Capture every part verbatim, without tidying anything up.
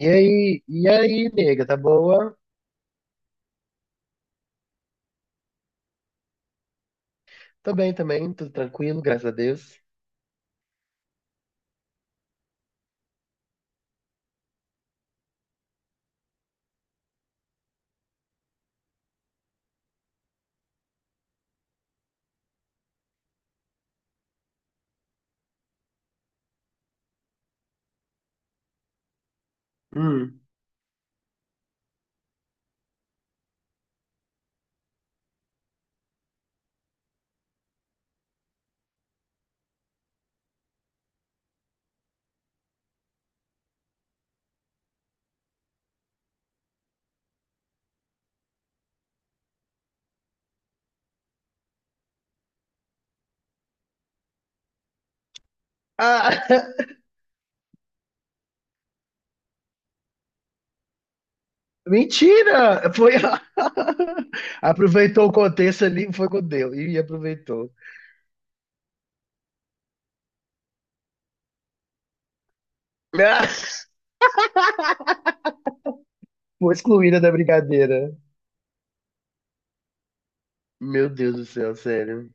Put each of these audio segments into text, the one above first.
E aí, e aí, nega, tá boa? Tô bem também, tudo tranquilo, graças a Deus. Hum. Ah, mentira! Foi. Aproveitou o contexto ali, foi com Deus. E aproveitou. Ah, foi excluída da brincadeira. Meu Deus do céu, sério.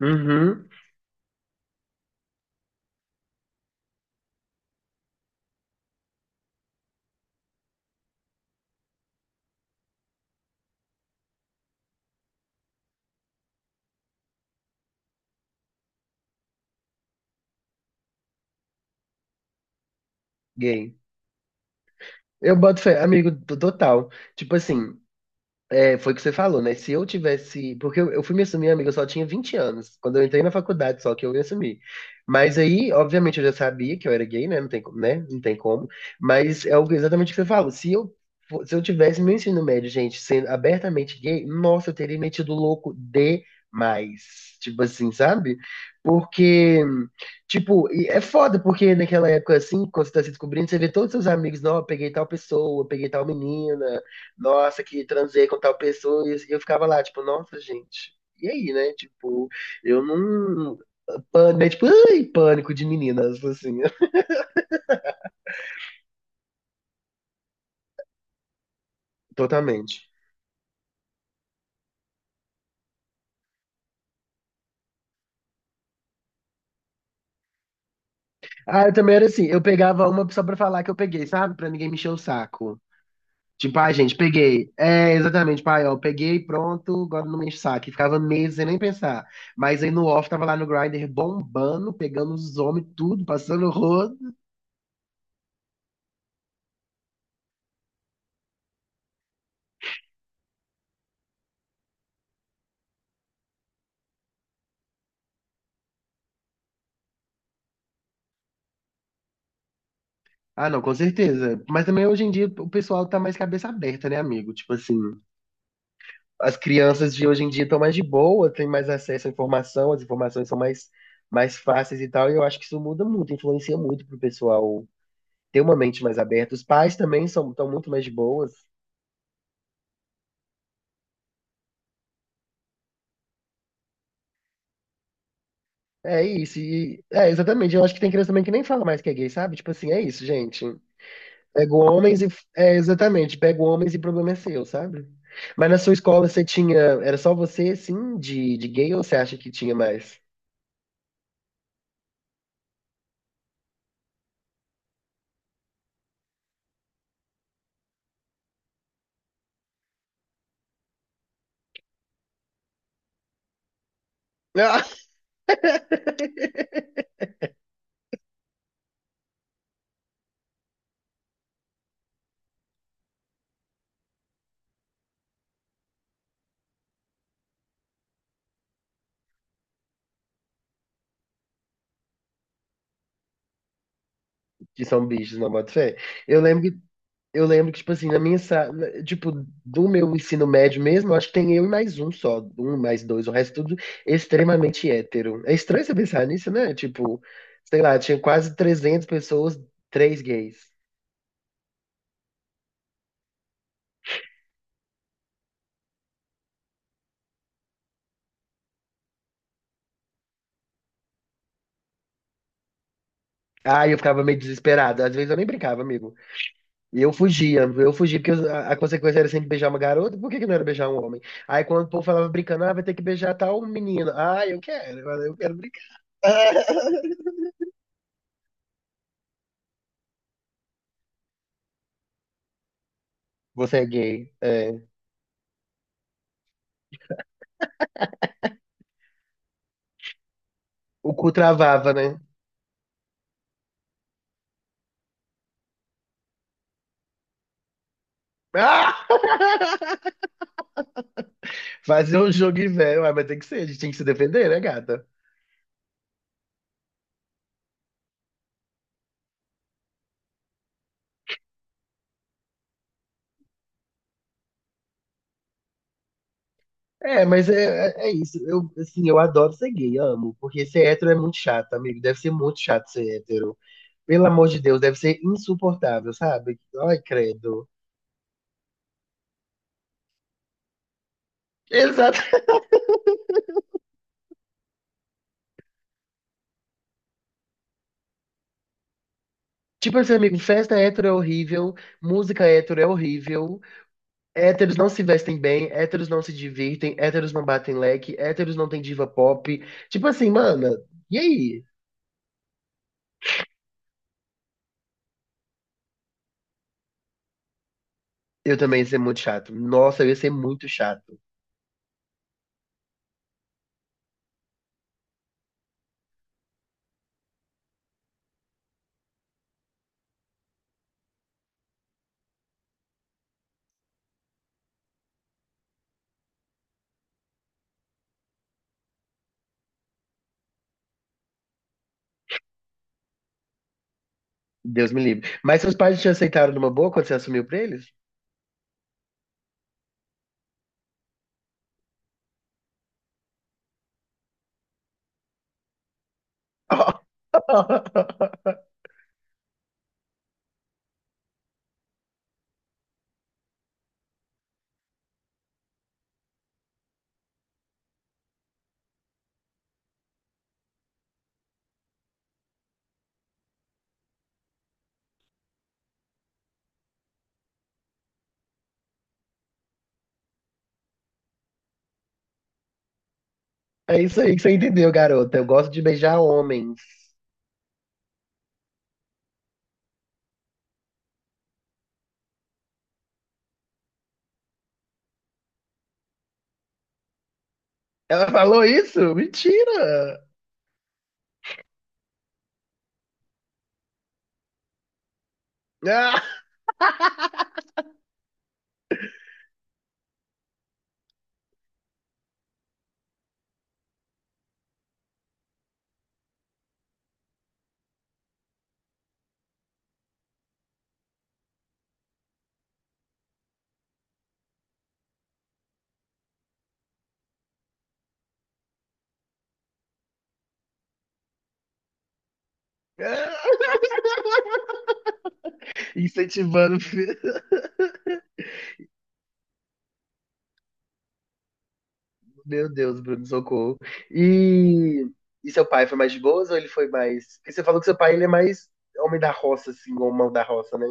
Uhum. Gay. Eu boto fé, amigo, t- total. Tipo assim, é, foi o que você falou, né? Se eu tivesse. Porque eu, eu fui me assumir, amiga, eu só tinha vinte anos. Quando eu entrei na faculdade, só que eu me assumi. Mas aí, obviamente, eu já sabia que eu era gay, né? Não tem, co- né? Não tem como. Mas é o- exatamente o que você falou. Se eu, fo- se eu tivesse meu ensino médio, gente, sendo abertamente gay, nossa, eu teria metido louco demais. Tipo assim, sabe? Porque. Tipo, e é foda, porque naquela época, assim, quando você tá se descobrindo, você vê todos os seus amigos, não, eu peguei tal pessoa, eu peguei tal menina, nossa, que transei com tal pessoa, e eu ficava lá, tipo, nossa, gente. E aí, né? Tipo, eu não. Pânico, é tipo, ai, pânico de meninas, assim, totalmente. Ah, eu também era assim, eu pegava uma só pra falar que eu peguei, sabe? Pra ninguém me encher o saco. Tipo, ai, gente, peguei. É, exatamente, pai, ó, peguei, pronto, agora não me enche o saco. E ficava meses sem nem pensar. Mas aí no off tava lá no Grindr bombando, pegando os homens, tudo, passando o rodo. Ah, não, com certeza. Mas também hoje em dia o pessoal tá mais cabeça aberta, né, amigo? Tipo assim, as crianças de hoje em dia estão mais de boa, têm mais acesso à informação, as informações são mais, mais fáceis e tal, e eu acho que isso muda muito, influencia muito pro pessoal ter uma mente mais aberta. Os pais também são, estão muito mais de boas. É isso, e, é, exatamente. Eu acho que tem criança também que nem fala mais que é gay, sabe? Tipo assim, é isso, gente. Pego homens e. É, exatamente, pego homens e problema é seu, sabe? Mas na sua escola você tinha. Era só você, sim, de, de gay ou você acha que tinha mais? Que são bichos, não bota fé. Eu lembro que, eu lembro que, tipo assim, na minha sala, tipo, do meu ensino médio mesmo, eu acho que tem eu e mais um só, um mais dois, o resto é tudo extremamente hétero. É estranho você pensar nisso, né? Tipo, sei lá, tinha quase trezentas pessoas, três gays. Ah, eu ficava meio desesperado. Às vezes eu nem brincava, amigo. E eu fugia, eu fugia, porque a, a consequência era sempre beijar uma garota, por que que não era beijar um homem? Aí quando o povo falava brincando, ah, vai ter que beijar tal menino. Ah, eu quero, eu quero brincar. Você é gay. É. O cu travava, né? Ah! Fazer um jogo velho. Ah, mas tem que ser, a gente tem que se defender, né, gata? É, mas é, é é isso. Eu, assim, eu adoro ser gay, amo. Porque ser hétero é muito chato, amigo. Deve ser muito chato ser hétero. Pelo amor de Deus, deve ser insuportável, sabe? Ai, credo. Exato. Tipo assim, amigo, festa hétero é horrível, música hétero é horrível, héteros não se vestem bem, héteros não se divertem, héteros não batem leque, héteros não tem diva pop. Tipo assim, mana, e aí? Eu também ia ser muito chato. Nossa, eu ia ser muito chato. Deus me livre. Mas seus pais te aceitaram numa boa quando você assumiu pra eles? É isso aí que você entendeu, garota. Eu gosto de beijar homens. Ela falou isso? Mentira! Ah, ah, incentivando. Meu Deus, Bruno, socorro. E, e seu pai foi mais de boas ou ele foi mais. Porque você falou que seu pai ele é mais homem da roça, assim, ou mão da roça, né?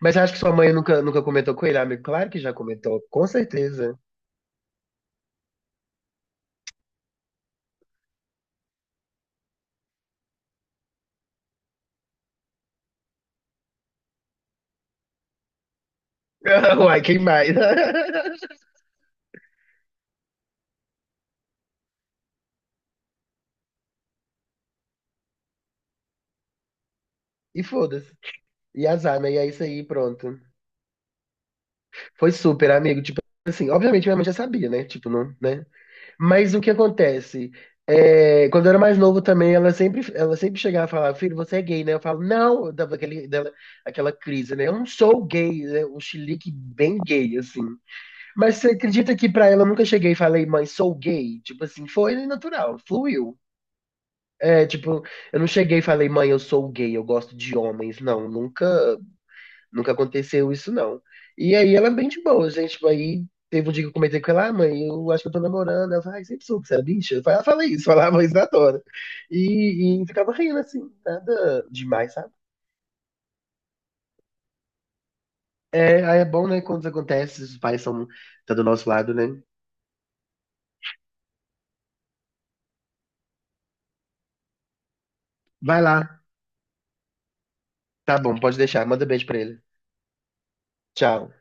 Mas eu acho que sua mãe nunca, nunca comentou com ele. Ah, amigo, claro que já comentou, com certeza. Uai, quem mais? E foda-se. E azar, né? E é isso aí, pronto. Foi super, amigo. Tipo assim, obviamente minha mãe já sabia, né? Tipo, não, né? Mas o que acontece? É, quando eu era mais novo também, ela sempre, ela sempre chegava e falava, filho, você é gay, né? Eu falo, não, eu dava aquele, dela, aquela crise, né? Eu não sou gay, né? Um chilique bem gay, assim. Mas você acredita que pra ela eu nunca cheguei e falei, mãe, sou gay? Tipo assim, foi natural, fluiu. É, tipo, eu não cheguei e falei, mãe, eu sou gay, eu gosto de homens. Não, nunca, nunca aconteceu isso, não. E aí ela é bem de boa, gente. Tipo, aí teve um dia que eu comentei com ela, ah, mãe, eu acho que eu tô namorando. Ela falou, ai, sempre soube que você era bicha. Eu falei, ela fala isso, falava isso na tora. E, e ficava rindo, assim, nada demais, sabe? É, aí é bom, né, quando isso acontece, os pais são, tá do nosso lado, né? Vai lá, tá bom, pode deixar, manda beijo pra ele. Tchau.